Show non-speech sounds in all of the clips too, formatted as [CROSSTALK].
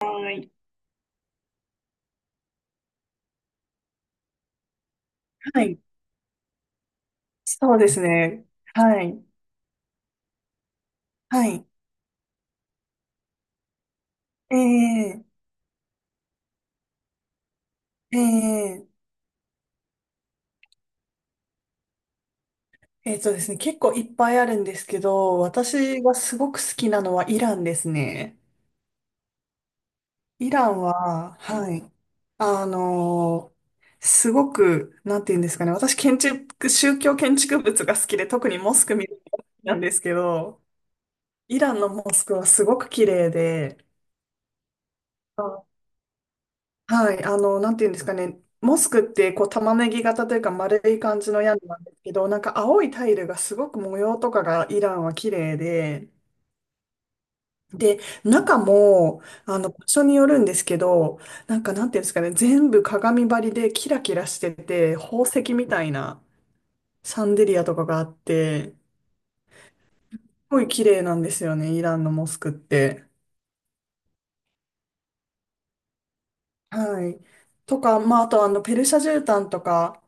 はい。はい。そうですね。はい。はい。ええええですね、結構いっぱいあるんですけど、私がすごく好きなのはイランですね。イランは、はい。あのーすごく、なんて言うんですかね。私、建築、宗教建築物が好きで、特にモスク見るのが好きなんですけど、イランのモスクはすごく綺麗で、はい、なんていうんですかね、モスクってこう玉ねぎ型というか丸い感じの屋根なんですけど、なんか青いタイルがすごく模様とかがイランは綺麗で、で、中も、場所によるんですけど、なんかなんていうんですかね、全部鏡張りでキラキラしてて、宝石みたいなシャンデリアとかがあって、すごい綺麗なんですよね、イランのモスクって。はい。とか、まあ、あとペルシャ絨毯とか、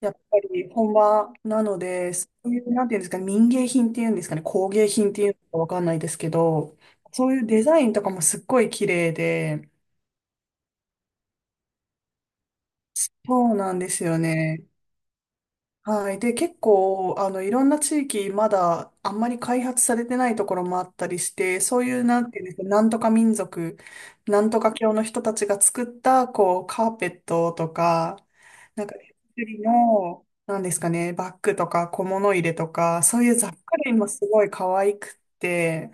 やっぱり本場なので、そういう、なんていうんですかね、民芸品っていうんですかね、工芸品っていうのかわかんないですけど、そういうデザインとかもすっごい綺麗で、そうなんですよね。はい。で、結構、いろんな地域、まだ、あんまり開発されてないところもあったりして、そういう、なんていうんですか、なんとか民族、なんとか教の人たちが作った、こう、カーペットとか、なんか、手作りの、なんですかね、バッグとか小物入れとか、そういう雑貨類もすごい可愛くって、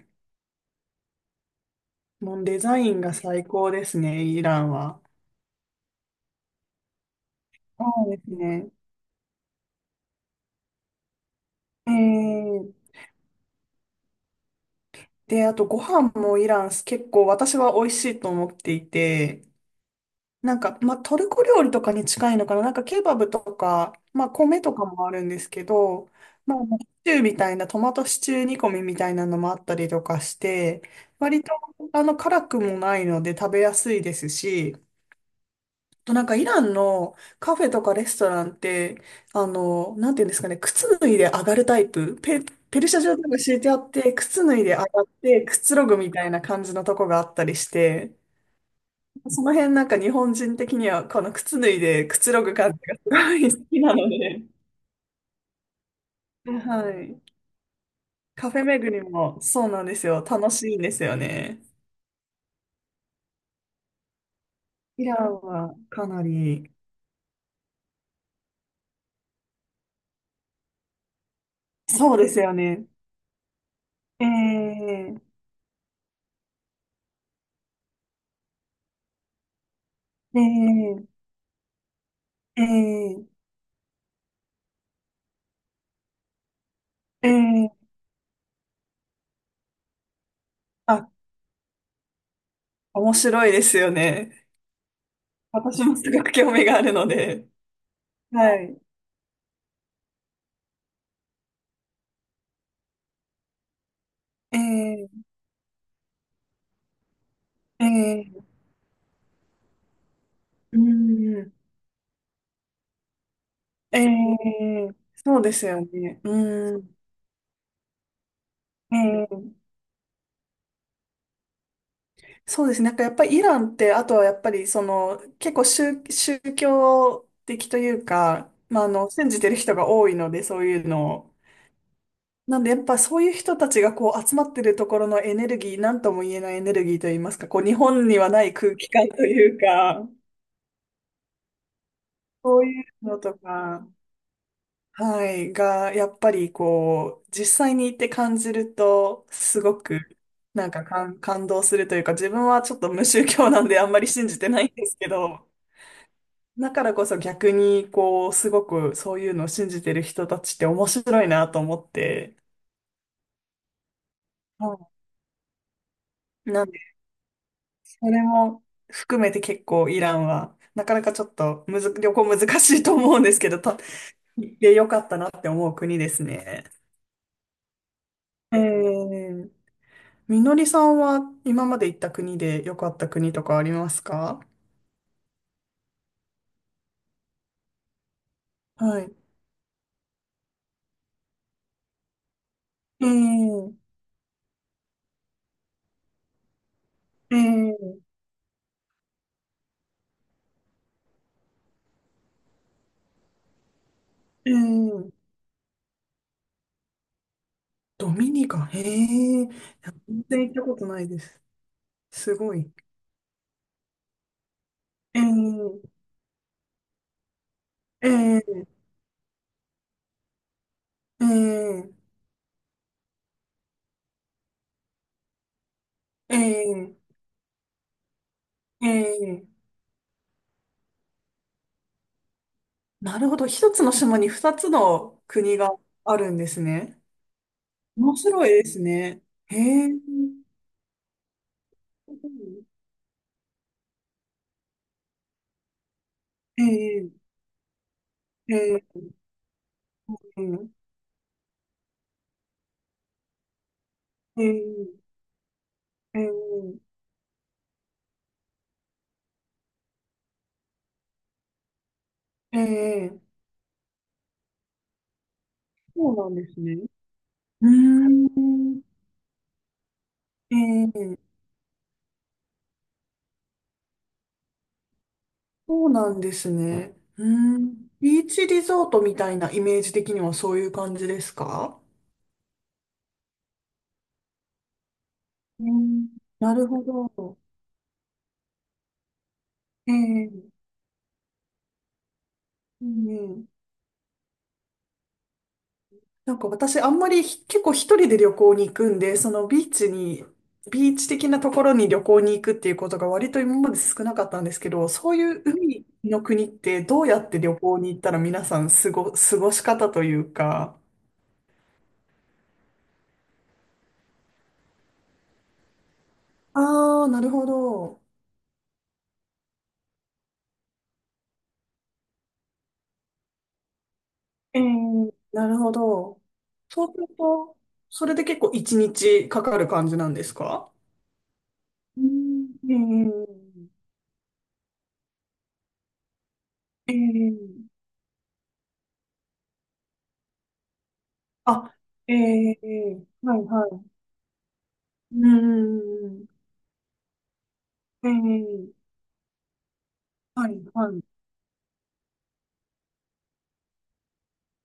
もうデザインが最高ですね、イランは。そうですね。えーで、あとご飯もイラン結構私は美味しいと思っていて、なんか、まあ、トルコ料理とかに近いのかな。なんか、ケバブとか、まあ、米とかもあるんですけど、まあ、シチューみたいな、トマトシチュー煮込みみたいなのもあったりとかして、割と、辛くもないので食べやすいですし、あとなんか、イランのカフェとかレストランって、なんていうんですかね、靴脱いで上がるタイプ、ペルシャ状とか敷いてあって、靴脱いで上がって、くつろぐみたいな感じのとこがあったりして、その辺なんか日本人的にはこの靴脱いでくつろぐ感じがすごい好きなので、はい。カフェ巡りもそうなんですよ。楽しいんですよね。イランはかなり、そうですよね。ええええええええあ、面白いですよね。私もすごく興味があるので。はい。ええええうん、ええそうですよね。うん、ええそうですね。なんかやっぱりイランって、あとはやっぱりその結構宗教的というか、まあ、信じてる人が多いので、そういうのを。なんでやっぱそういう人たちがこう集まってるところのエネルギー、なんとも言えないエネルギーといいますか、こう日本にはない空気感というか、そういうのとか、はい、がやっぱりこう実際に行って感じると、すごくなんか感動するというか、自分はちょっと無宗教なんであんまり信じてないんですけど、だからこそ逆に、こう、すごくそういうのを信じてる人たちって面白いなと思って、はいなんで、それも含めて結構イランは、なかなかちょっとむず、旅行難しいと思うんですけど、と行ってよかったなって思う国ですね。えー、みのりさんは今まで行った国で良かった国とかありますか？はい。えー、えー、えー、ドミニカ、へえ、全然行ったことないです。すごい。えーええ、ええ、ええ、ええ。なるほど。一つの島に二つの国があるんですね。面白いですね。へえ。ええ、ええ、ええ、ええ、ええ。そうなんですね。うーん。ええ、そうなんですね。うーん。ビーチリゾートみたいなイメージ的にはそういう感じですか？うん。なるほど。ええ、うん。なんか私あんまり結構一人で旅行に行くんで、そのビーチに、ビーチ的なところに旅行に行くっていうことが割と今まで少なかったんですけど、そういう海の国ってどうやって旅行に行ったら皆さん過ごし方というか。ああ、なるほど。えー、なるほど。そうすると、それで結構一日かかる感じなんですか？うん、えー、えー、あ、えー、はいはい。うん。ええはい、はい。う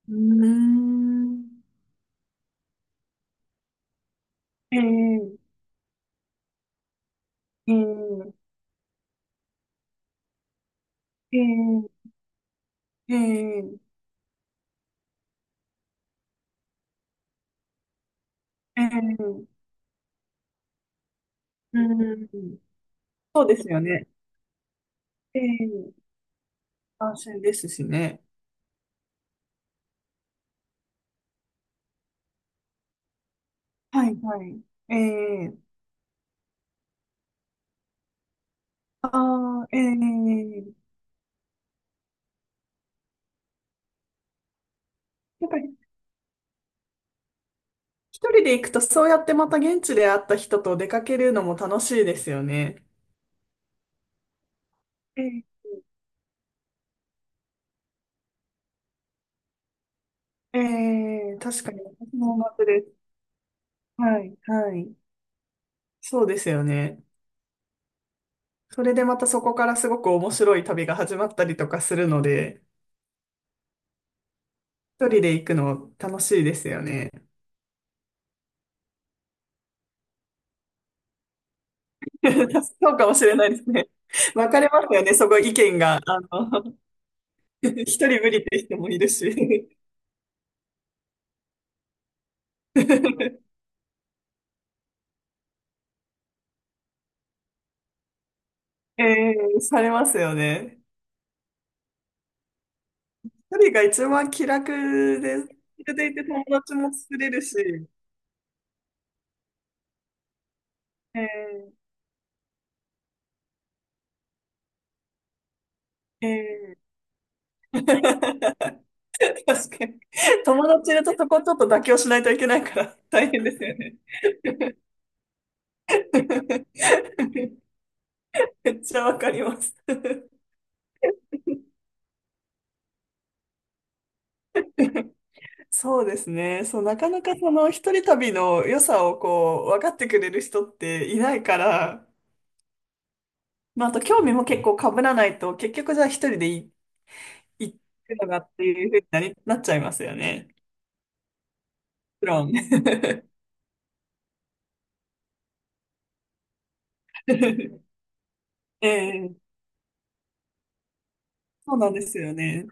ーん。ええええええええええうん。そうですよね。ええ安心ですしね。はい、はい。ええああ、ええやっぱり一人で行くと、そうやってまた現地で会った人と出かけるのも楽しいですよね。ええええ確かに、私も同じです。はい、はい。そうですよね。それでまたそこからすごく面白い旅が始まったりとかするので、一人で行くの楽しいですよね。[LAUGHS] そうかもしれないですね。分かれますよね、そこ意見が。[LAUGHS] 一人無理って人もいるし。[LAUGHS] えー、されますよね。一人が一番気楽で、気楽でいて友達も作れるし。えー、えー [LAUGHS] 確かに。友達いるとそこちょっと妥協しないといけないから大変ですよね。[LAUGHS] [LAUGHS] めっちゃわかります。[LAUGHS] そうですね。そう、なかなかその一人旅の良さをこう、分かってくれる人っていないから、まあ、あと興味も結構被らないと、結局じゃあ一人で行くのがっていうふうになっちゃいますよね。もちろん。[LAUGHS] ええそうなんですよね。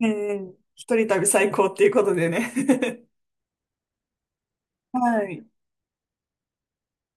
ええ一人旅最高っていうことでね。[LAUGHS] はい。